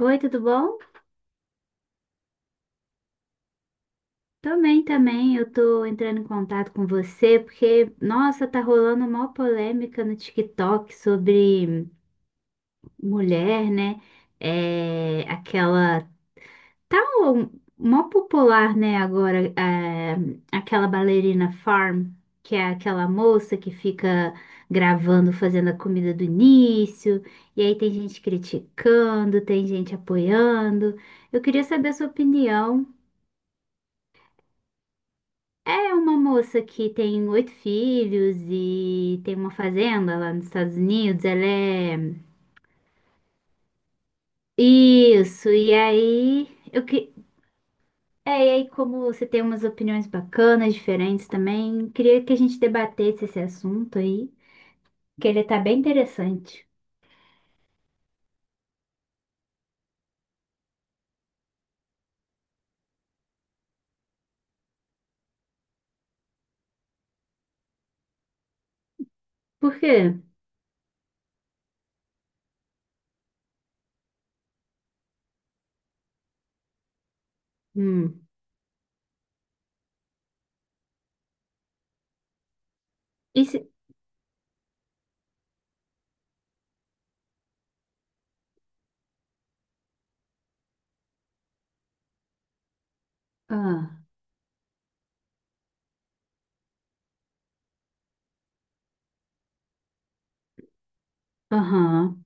Oi, tudo bom? Também, também. Eu tô entrando em contato com você porque, nossa, tá rolando uma polêmica no TikTok sobre mulher, né? É, aquela tal, mó popular, né, agora, é, aquela bailarina Farm, que é aquela moça que fica gravando, fazendo a comida do início, e aí tem gente criticando, tem gente apoiando. Eu queria saber a sua opinião. É uma moça que tem oito filhos e tem uma fazenda lá nos Estados Unidos. Ela é. Isso, e aí. É, e aí, como você tem umas opiniões bacanas, diferentes também, queria que a gente debatesse esse assunto aí, que ele tá bem interessante. Por quê? Hum. E se... Ah, aham.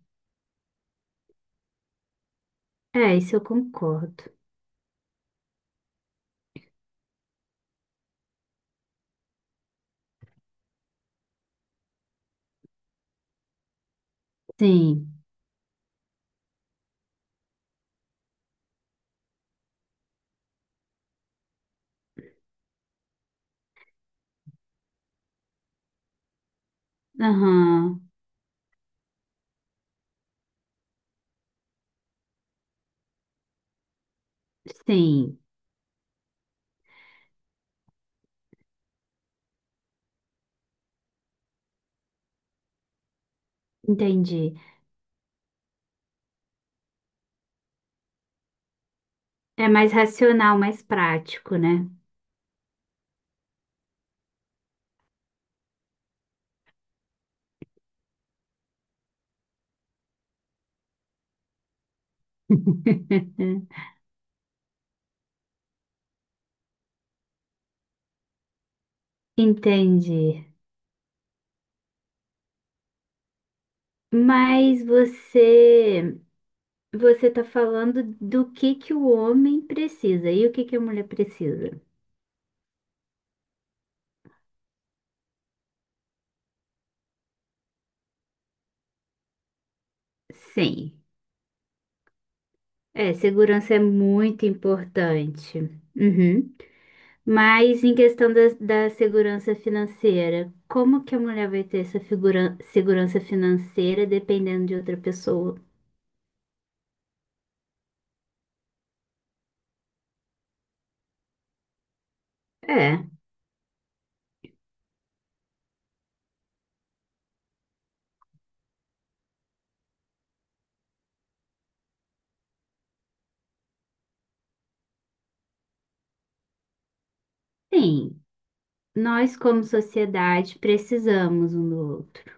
É, isso eu concordo. Sim. Aham. Sim. Entendi. É mais racional, mais prático, né? Entendi. Mas você está falando do que o homem precisa e o que que a mulher precisa? Sim. É, segurança é muito importante. Uhum. Mas em questão da segurança financeira, como que a mulher vai ter segurança financeira dependendo de outra pessoa? É, sim. Nós, como sociedade, precisamos um do outro.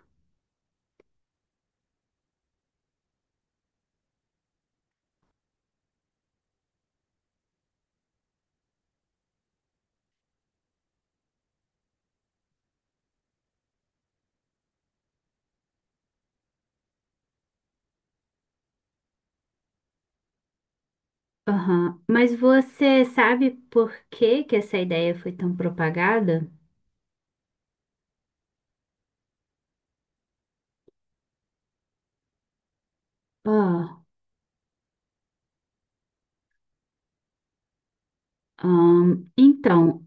Aham. Mas você sabe por que que essa ideia foi tão propagada? Ah, então,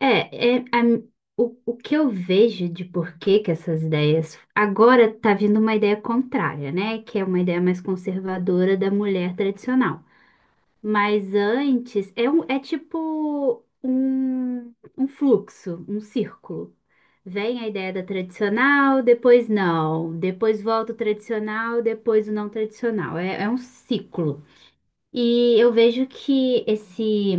é, é a o que eu vejo de por que que essas ideias. Agora tá vindo uma ideia contrária, né? Que é uma ideia mais conservadora da mulher tradicional. Mas antes, tipo um fluxo, um círculo. Vem a ideia da tradicional, depois não, depois volta o tradicional, depois o não tradicional. É um ciclo. E eu vejo que esse,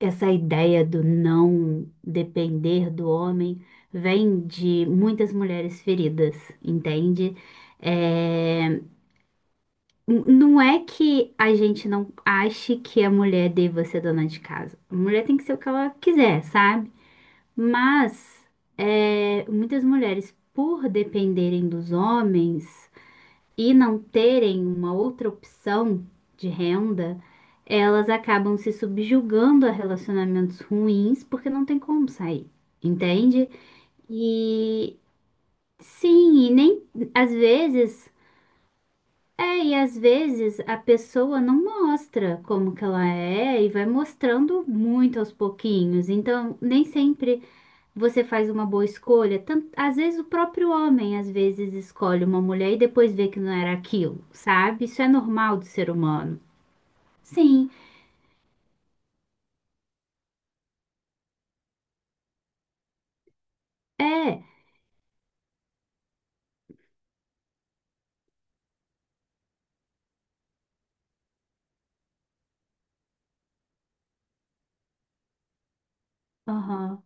essa ideia do não depender do homem vem de muitas mulheres feridas, entende? É, não é que a gente não ache que a mulher deva ser dona de casa. A mulher tem que ser o que ela quiser, sabe? Mas muitas mulheres, por dependerem dos homens e não terem uma outra opção de renda, elas acabam se subjugando a relacionamentos ruins porque não tem como sair, entende? E sim, e nem às vezes. É, e às vezes a pessoa não mostra como que ela é e vai mostrando muito aos pouquinhos. Então, nem sempre você faz uma boa escolha. Tanto, às vezes o próprio homem às vezes escolhe uma mulher e depois vê que não era aquilo, sabe? Isso é normal do ser humano. Sim, é. Aham.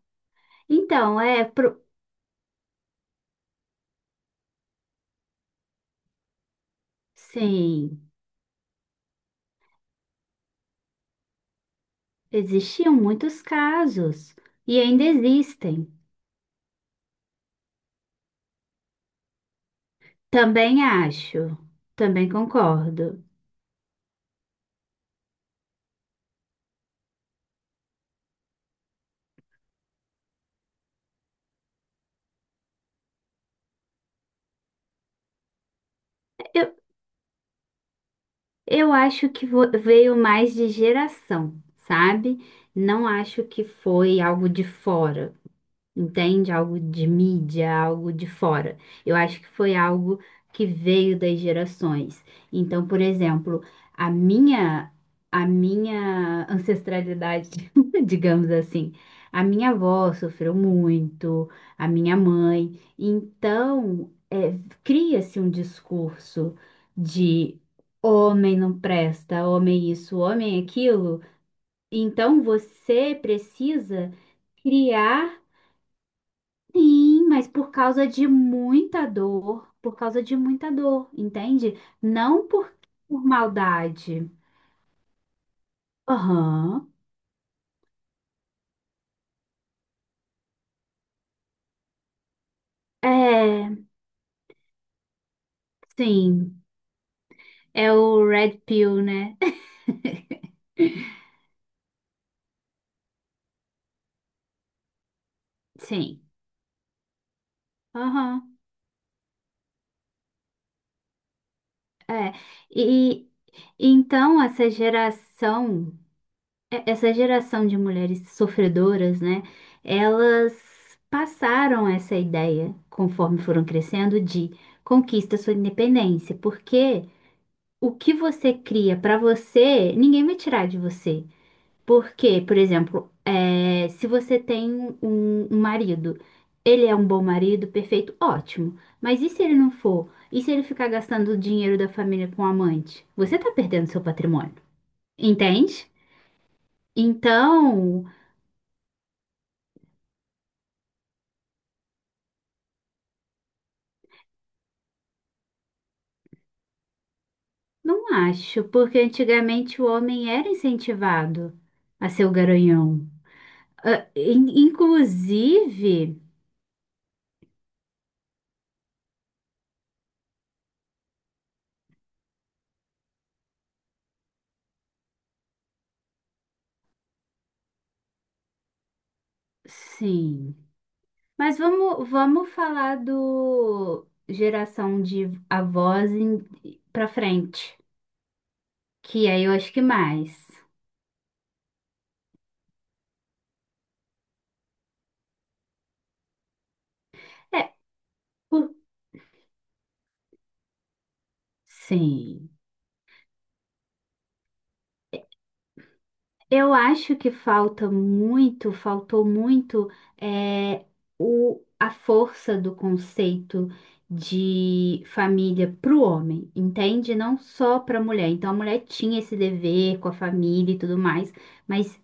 Então, é pro... Sim, existiam muitos casos e ainda existem. Também acho. Também concordo. Eu acho que veio mais de geração, sabe? Não acho que foi algo de fora, entende? Algo de mídia, algo de fora. Eu acho que foi algo que veio das gerações. Então, por exemplo, a minha a minha ancestralidade, digamos assim, a minha avó sofreu muito, a minha mãe. Então, cria-se um discurso de homem não presta, homem isso, homem aquilo. Então, você precisa criar sim, mas por causa de muita dor, por causa de muita dor, entende? Não por maldade. Aham. É, sim. É o Red Pill, né? Sim. Aham. É. E então essa geração de mulheres sofredoras, né? Elas passaram essa ideia, conforme foram crescendo, de conquista sua independência, porque o que você cria para você, ninguém vai tirar de você. Porque, por exemplo, se você tem um marido, ele é um bom marido, perfeito, ótimo. Mas e se ele não for? E se ele ficar gastando o dinheiro da família com amante? Você tá perdendo seu patrimônio, entende? Então, não acho, porque antigamente o homem era incentivado a ser o garanhão. Ah, inclusive, sim. Mas vamos falar do geração de avós para frente, que aí eu acho que mais. É, por- sim. Eu acho que faltou muito é, a força do conceito de família para o homem, entende? Não só para a mulher. Então a mulher tinha esse dever com a família e tudo mais, mas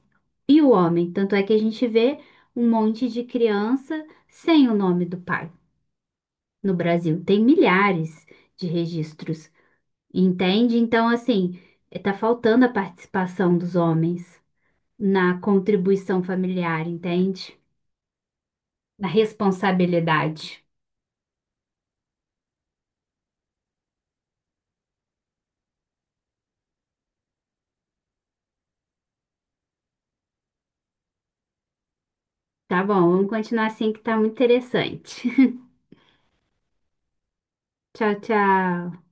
e o homem, tanto é que a gente vê um monte de criança sem o nome do pai. No Brasil tem milhares de registros, entende? Então, assim, está faltando a participação dos homens na contribuição familiar, entende? Na responsabilidade. Tá bom, vamos continuar assim que tá muito interessante. Tchau, tchau.